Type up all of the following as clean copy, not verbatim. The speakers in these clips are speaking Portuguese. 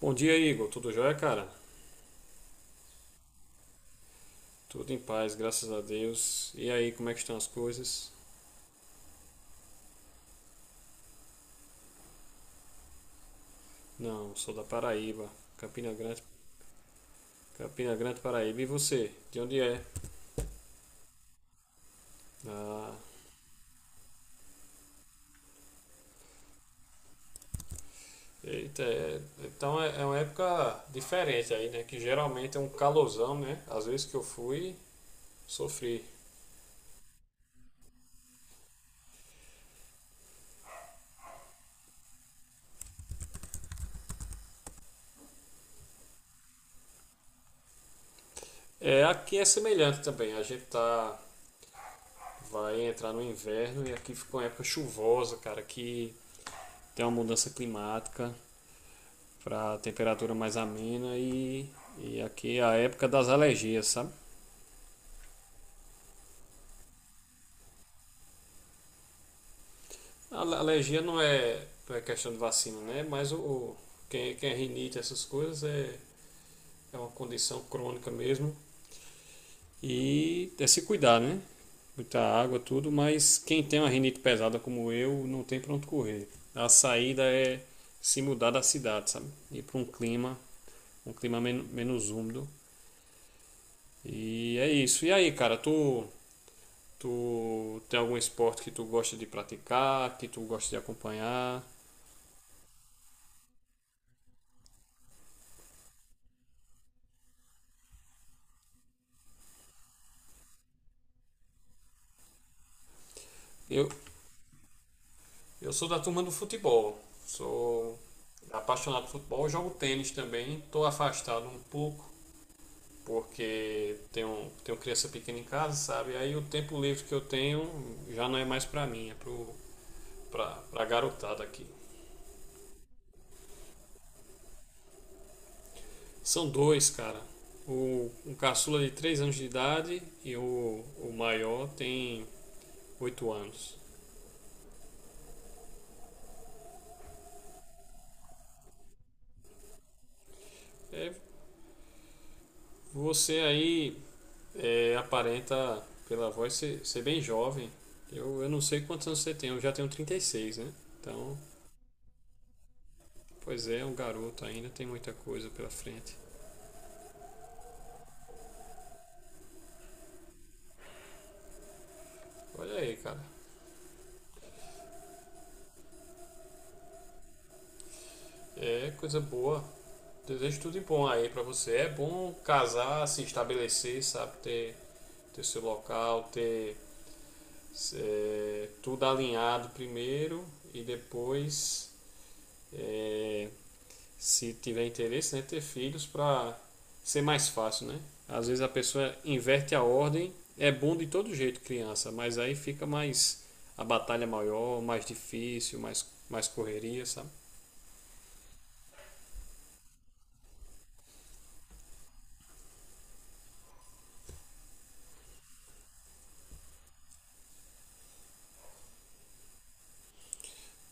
Bom dia, Igor. Tudo jóia, cara? Tudo em paz, graças a Deus. E aí, como é que estão as coisas? Não, sou da Paraíba, Campina Grande, Campina Grande, Paraíba. E você? De onde é? Ah, eita, então é uma época diferente aí, né? Que geralmente é um calorzão, né? Às vezes que eu fui, sofri. É, aqui é semelhante também. A gente vai entrar no inverno e aqui ficou uma época chuvosa, cara, que tem uma mudança climática para temperatura mais amena e aqui a época das alergias, sabe? A alergia não é questão de vacina, né? Mas quem é rinite, essas coisas, é uma condição crônica mesmo. E é se cuidar, né? Muita água, tudo, mas quem tem uma rinite pesada como eu, não tem pra onde correr. A saída é se mudar da cidade, sabe? Ir para um clima, menos úmido. E é isso. E aí, cara, tu tem algum esporte que tu gosta de praticar, que tu gosta de acompanhar? Eu, eu sou da turma do futebol. Sou apaixonado por futebol, jogo tênis também. Estou afastado um pouco porque tenho criança pequena em casa, sabe? Aí o tempo livre que eu tenho já não é mais para mim, é pra garotada aqui. São dois, cara. Um caçula de 3 anos de idade e o maior tem 8 anos. É, você aí aparenta, pela voz, ser bem jovem. Eu não sei quantos anos você tem, eu já tenho 36, né? Então, pois é, é um garoto ainda, tem muita coisa pela frente. Olha aí, cara. É coisa boa. Desejo tudo de bom aí pra você. É bom casar, se estabelecer, sabe? Ter seu local, ter tudo alinhado primeiro e depois é, se tiver interesse, né, ter filhos para ser mais fácil, né? Às vezes a pessoa inverte a ordem, é bom de todo jeito criança, mas aí fica mais a batalha maior, mais difícil, mais correria, sabe?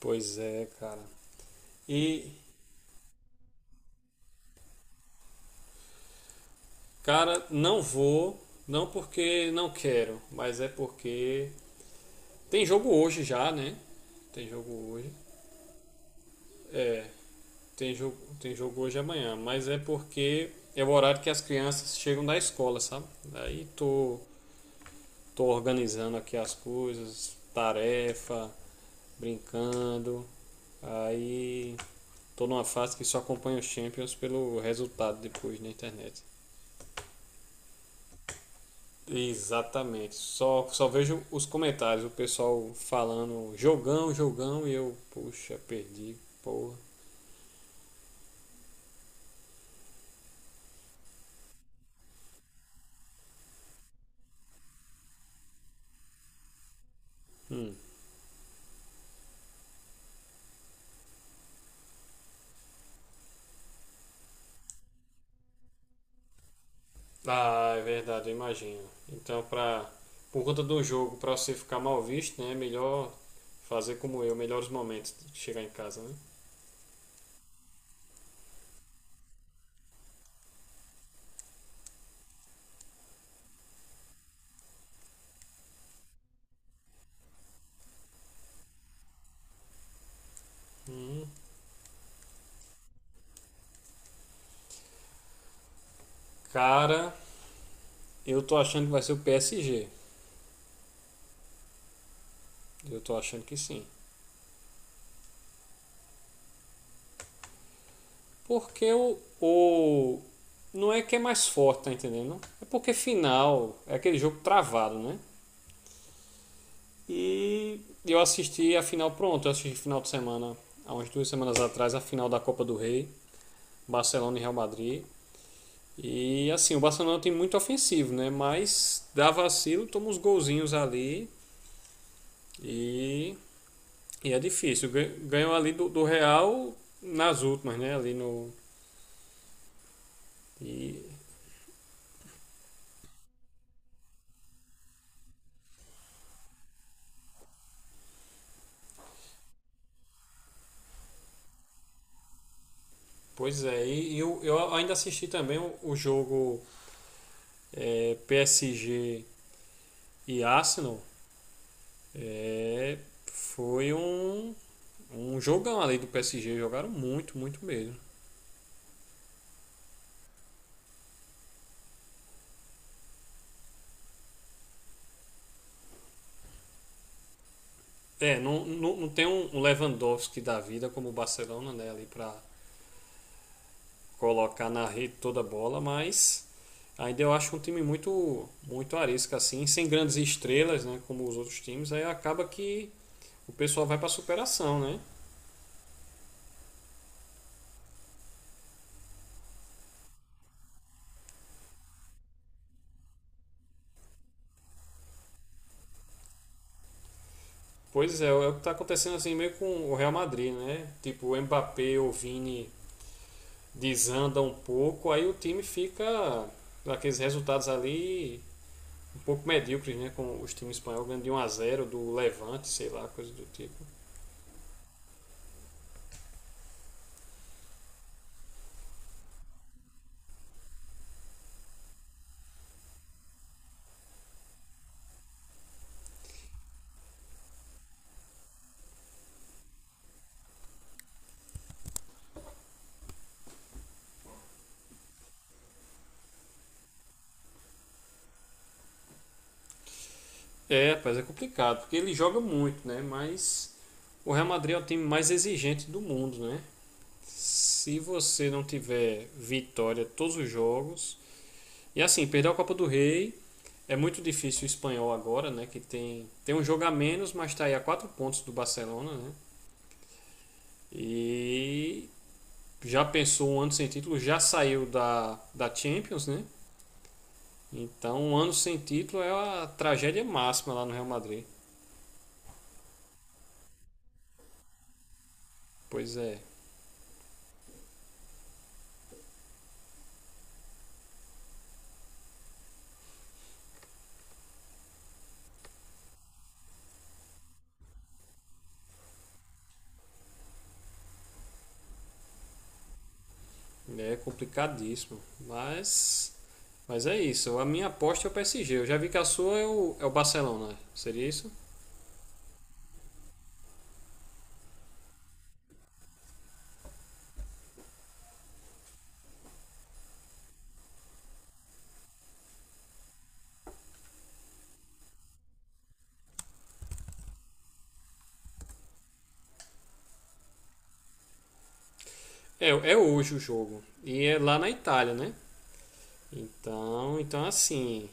Pois é, cara. E cara, não vou, não porque não quero, mas é porque tem jogo hoje já, né? Tem jogo hoje. É, tem jogo hoje e amanhã, mas é porque é o horário que as crianças chegam da escola, sabe? Aí tô organizando aqui as coisas, tarefa, brincando. Aí tô numa fase que só acompanho os Champions pelo resultado depois na internet. Exatamente. Só vejo os comentários, o pessoal falando jogão, jogão, e eu, puxa, perdi, porra. Hum. Ah, é verdade, eu imagino. Então, por conta do jogo, pra você ficar mal visto, né? É melhor fazer como eu, melhores momentos de chegar em casa, né? Hum. Cara, eu tô achando que vai ser o PSG. Eu tô achando que sim. Porque o. Não é que é mais forte, tá entendendo? É porque final é aquele jogo travado, né? E eu assisti a final, pronto, eu assisti final de semana, há umas 2 semanas atrás, a final da Copa do Rei, Barcelona e Real Madrid. E assim, o Barcelona tem muito ofensivo, né? Mas dá vacilo, toma uns golzinhos ali e, e é difícil. Ganhou ali do Real nas últimas, né? Ali no. E, pois é, e eu ainda assisti também o jogo PSG e Arsenal. É, foi um jogão ali do PSG, jogaram muito, muito mesmo. É, não tem um Lewandowski da vida como o Barcelona, né? Ali pra colocar na rede toda a bola, mas ainda eu acho um time muito muito arisco assim, sem grandes estrelas, né, como os outros times, aí acaba que o pessoal vai para superação, né? Pois é, é o que está acontecendo assim meio com o Real Madrid, né? Tipo, o Mbappé ou o Vini desanda um pouco, aí o time fica aqueles resultados ali um pouco medíocres, né? Com os times espanhóis ganhando de 1 a zero do Levante, sei lá, coisa do tipo. É, rapaz, é complicado, porque ele joga muito, né? Mas o Real Madrid é o time mais exigente do mundo, né? Se você não tiver vitória todos os jogos. E assim, perder a Copa do Rei é muito difícil o espanhol agora, né? Que tem um jogo a menos, mas está aí a 4 pontos do Barcelona, né? E já pensou um ano sem título, já saiu da Champions, né? Então um ano sem título é a tragédia máxima lá no Real Madrid. Pois é. É complicadíssimo. Mas é isso. A minha aposta é o PSG. Eu já vi que a sua é o Barcelona. Seria isso? É, é hoje o jogo. E é lá na Itália, né? Então assim.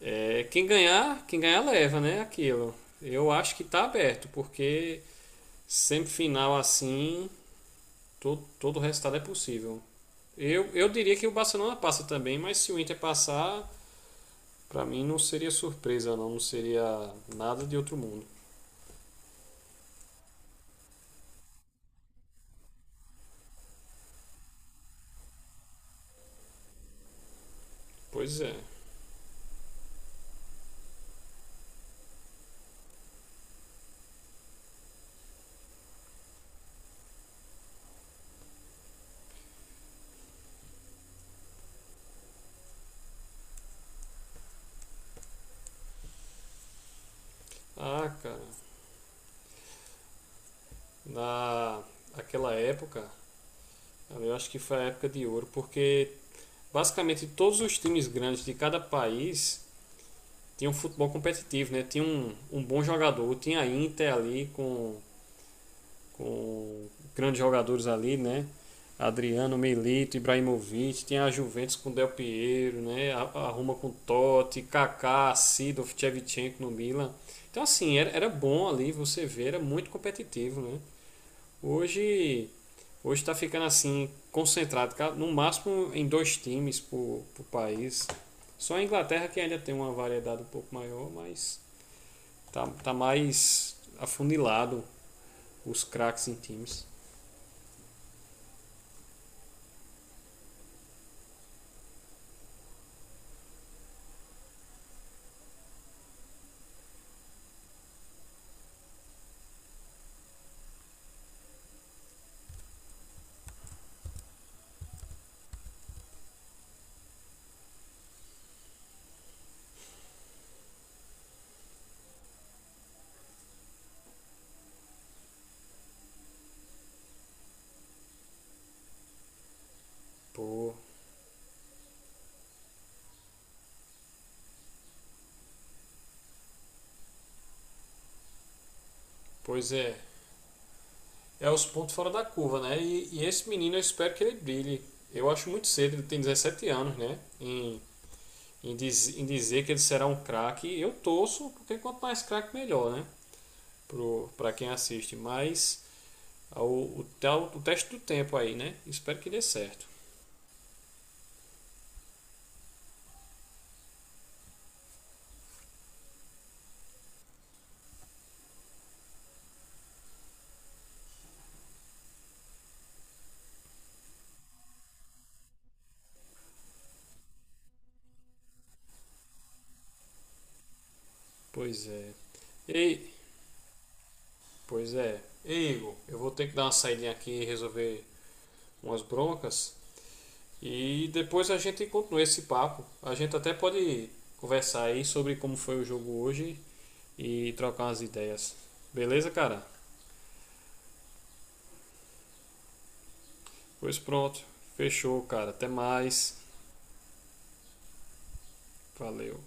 Quem ganhar, quem ganhar leva, né? Aquilo. Eu acho que tá aberto, porque semifinal assim, todo o resultado é possível. Eu diria que o Barcelona passa também, mas se o Inter passar, pra mim não seria surpresa, não seria nada de outro mundo. Pois é. Ah, cara, na aquela época, eu acho que foi a época de ouro, porque basicamente todos os times grandes de cada país tinham um futebol competitivo, né? Tinha um bom jogador, tinha a Inter ali com grandes jogadores ali, né? Adriano, Milito, Ibrahimovic, tinha a Juventus com Del Piero, né? A Roma com Totti, Kaká, Sidorf, Shevchenko no Milan. Então assim, era bom ali, você vê, era muito competitivo, né? Hoje, hoje está ficando assim, concentrado, no máximo em dois times por país. Só a Inglaterra que ainda tem uma variedade um pouco maior, mas tá mais afunilado os craques em times. Pô, pois é, é os pontos fora da curva, né? E esse menino eu espero que ele brilhe. Eu acho muito cedo, ele tem 17 anos, né? Em dizer que ele será um craque, eu torço, porque quanto mais craque, melhor, né? para pra quem assiste, mas o teste do tempo aí, né? Espero que dê certo. Pois é. Ei, pois é. Ei, Igor, eu vou ter que dar uma saída aqui e resolver umas broncas. E depois a gente continua esse papo. A gente até pode conversar aí sobre como foi o jogo hoje e trocar umas ideias. Beleza, cara? Pois pronto. Fechou, cara. Até mais. Valeu.